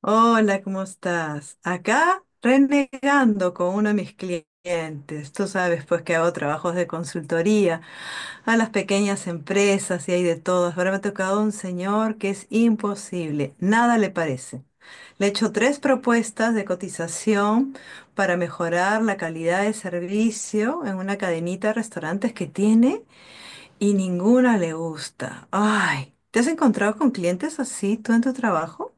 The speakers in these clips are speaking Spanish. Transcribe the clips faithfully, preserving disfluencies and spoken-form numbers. Hola, ¿cómo estás? Acá renegando con uno de mis clientes. Tú sabes, pues que hago trabajos de consultoría a las pequeñas empresas y hay de todas. Ahora me ha tocado un señor que es imposible, nada le parece. Le he hecho tres propuestas de cotización para mejorar la calidad de servicio en una cadenita de restaurantes que tiene y ninguna le gusta. Ay, ¿te has encontrado con clientes así tú en tu trabajo?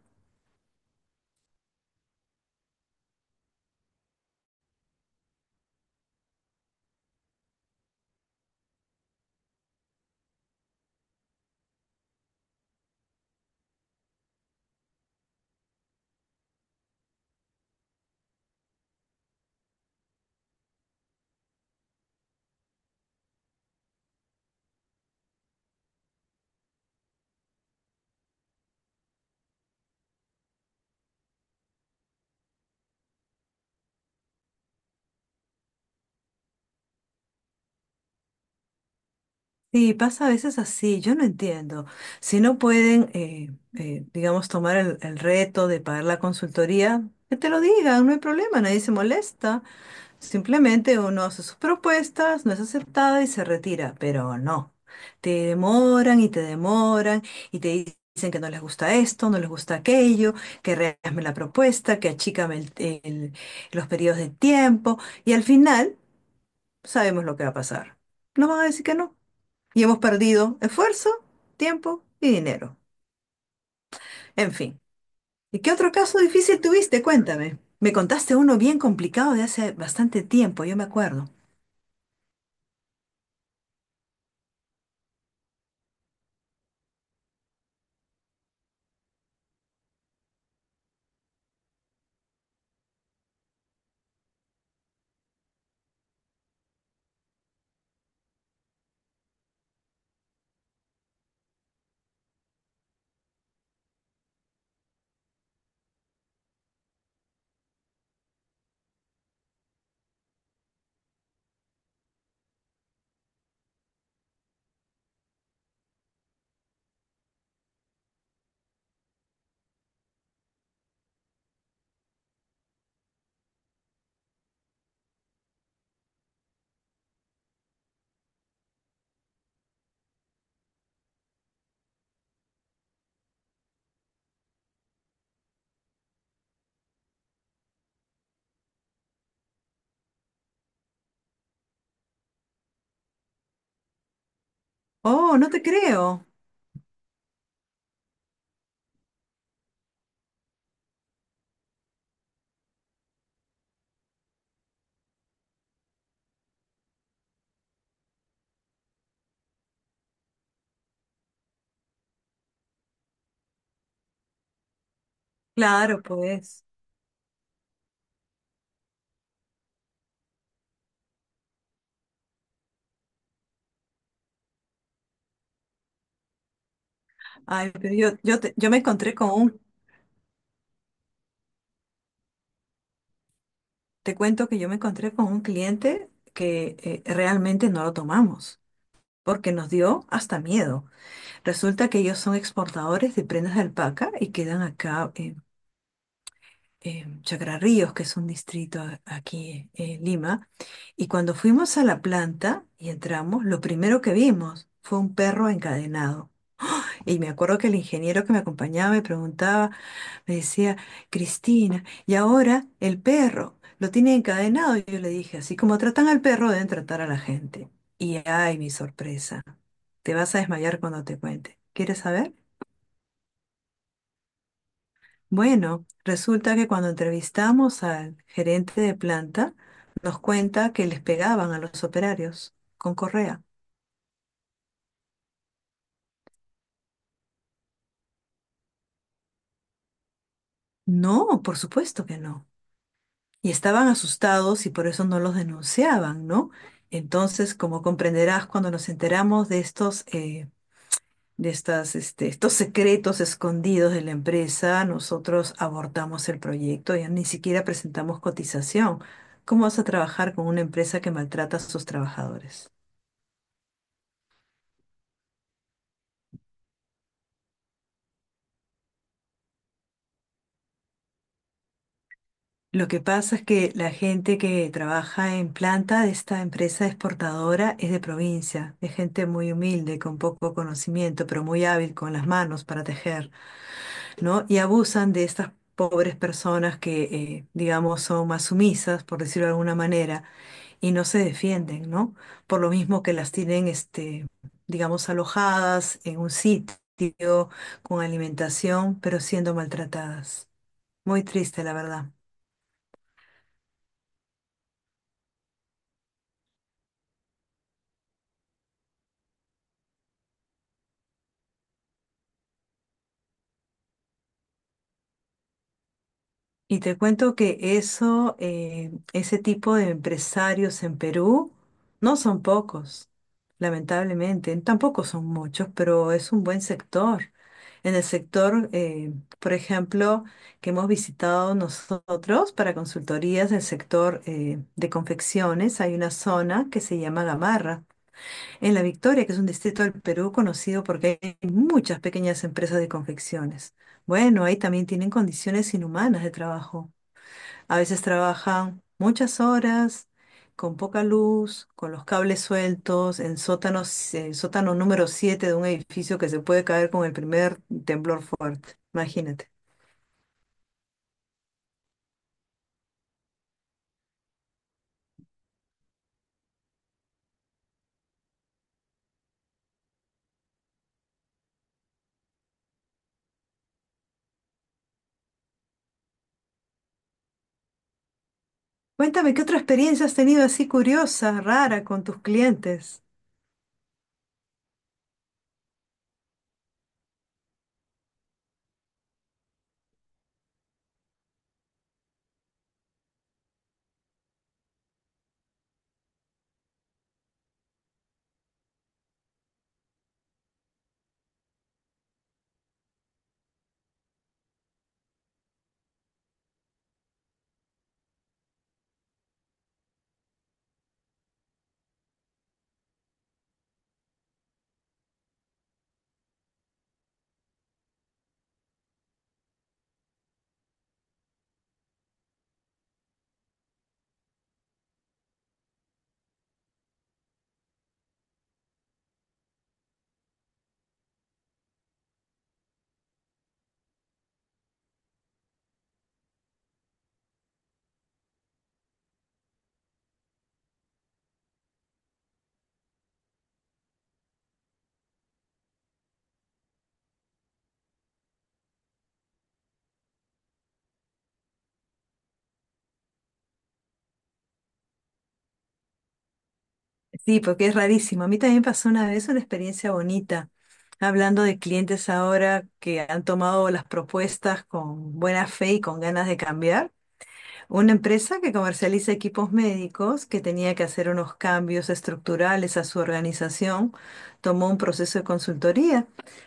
Sí, pasa a veces así, yo no entiendo. Si no pueden, eh, eh, digamos, tomar el, el reto de pagar la consultoría, que te lo digan, no hay problema, nadie se molesta. Simplemente uno hace sus propuestas, no es aceptada y se retira, pero no. Te demoran y te demoran y te dicen que no les gusta esto, no les gusta aquello, que rehazme la propuesta, que achícame el- el- los periodos de tiempo y al final sabemos lo que va a pasar. Nos van a decir que no. Y hemos perdido esfuerzo, tiempo y dinero. En fin. ¿Y qué otro caso difícil tuviste? Cuéntame. Me contaste uno bien complicado de hace bastante tiempo, yo me acuerdo. Oh, no te creo. Claro, pues. Ay, pero yo, yo, te- yo me encontré con un, te cuento que yo me encontré con un cliente que eh, realmente no lo tomamos, porque nos dio hasta miedo. Resulta que ellos son exportadores de prendas de alpaca y quedan acá eh, eh, Chacra Ríos, que es un distrito a- aquí en Lima, y cuando fuimos a la planta y entramos, lo primero que vimos fue un perro encadenado. Y me acuerdo que el ingeniero que me acompañaba me preguntaba, me decía: Cristina, y ahora el perro lo tiene encadenado. Y yo le dije, así como tratan al perro, deben tratar a la gente. Y ay, mi sorpresa, te vas a desmayar cuando te cuente. ¿Quieres saber? Bueno, resulta que cuando entrevistamos al gerente de planta, nos cuenta que les pegaban a los operarios con correa. No, por supuesto que no. Y estaban asustados y por eso no los denunciaban, ¿no? Entonces, como comprenderás, cuando nos enteramos de estos, eh, de estas, este, estos secretos escondidos de la empresa, nosotros abortamos el proyecto, ya ni siquiera presentamos cotización. ¿Cómo vas a trabajar con una empresa que maltrata a sus trabajadores? Lo que pasa es que la gente que trabaja en planta de esta empresa exportadora es de provincia, es gente muy humilde, con poco conocimiento, pero muy hábil con las manos para tejer, ¿no? Y abusan de estas pobres personas que, eh, digamos, son más sumisas, por decirlo de alguna manera, y no se defienden, ¿no? Por lo mismo que las tienen, este, digamos, alojadas en un sitio con alimentación, pero siendo maltratadas. Muy triste, la verdad. Y te cuento que eso, eh, ese tipo de empresarios en Perú no son pocos, lamentablemente. Tampoco son muchos, pero es un buen sector. En el sector, eh, por ejemplo, que hemos visitado nosotros para consultorías del sector eh, de confecciones, hay una zona que se llama Gamarra, en La Victoria, que es un distrito del Perú conocido porque hay muchas pequeñas empresas de confecciones. Bueno, ahí también tienen condiciones inhumanas de trabajo. A veces trabajan muchas horas, con poca luz, con los cables sueltos, en sótanos, en sótano número siete de un edificio que se puede caer con el primer temblor fuerte. Imagínate. Cuéntame, ¿qué otra experiencia has tenido así curiosa, rara con tus clientes? Sí, porque es rarísimo. A mí también pasó una vez una experiencia bonita. Hablando de clientes ahora que han tomado las propuestas con buena fe y con ganas de cambiar. Una empresa que comercializa equipos médicos, que tenía que hacer unos cambios estructurales a su organización, tomó un proceso de consultoría,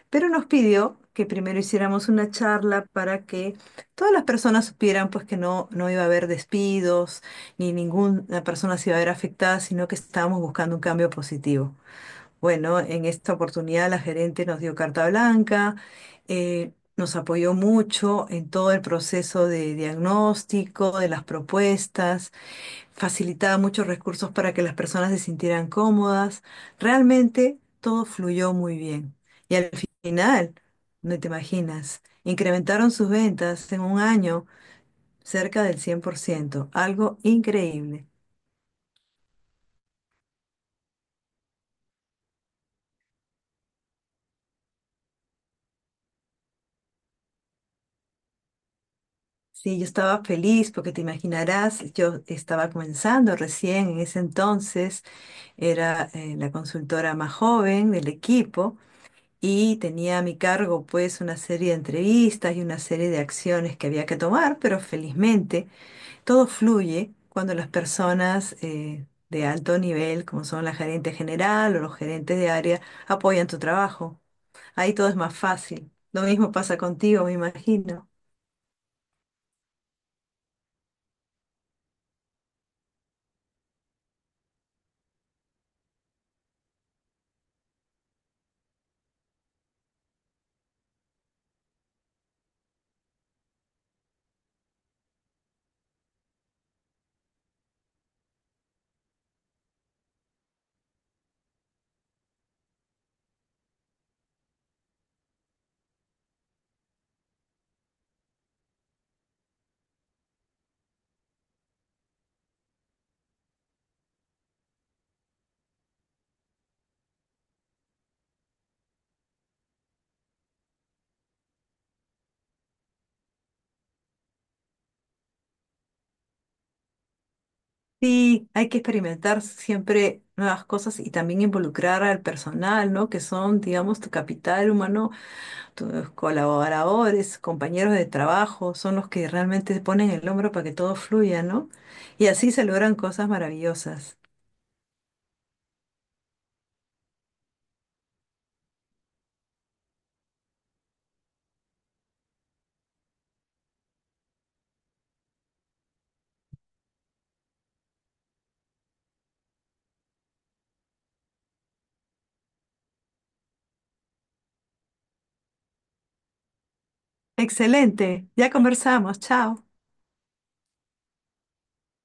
pero nos pidió que primero hiciéramos una charla para que todas las personas supieran pues que no, no iba a haber despidos, ni ninguna persona se iba a ver afectada, sino que estábamos buscando un cambio positivo. Bueno, en esta oportunidad la gerente nos dio carta blanca, eh, nos apoyó mucho en todo el proceso de diagnóstico, de las propuestas, facilitaba muchos recursos para que las personas se sintieran cómodas. Realmente todo fluyó muy bien. Y al final, no te imaginas, incrementaron sus ventas en un año cerca del cien por ciento, algo increíble. Sí, yo estaba feliz porque te imaginarás, yo estaba comenzando recién en ese entonces, era eh, la consultora más joven del equipo y tenía a mi cargo pues una serie de entrevistas y una serie de acciones que había que tomar, pero felizmente todo fluye cuando las personas eh, de alto nivel, como son la gerente general o los gerentes de área, apoyan tu trabajo. Ahí todo es más fácil. Lo mismo pasa contigo, me imagino. Sí, hay que experimentar siempre nuevas cosas y también involucrar al personal, ¿no? Que son, digamos, tu capital humano, tus colaboradores, compañeros de trabajo, son los que realmente se ponen el hombro para que todo fluya, ¿no? Y así se logran cosas maravillosas. Excelente, ya conversamos, chao.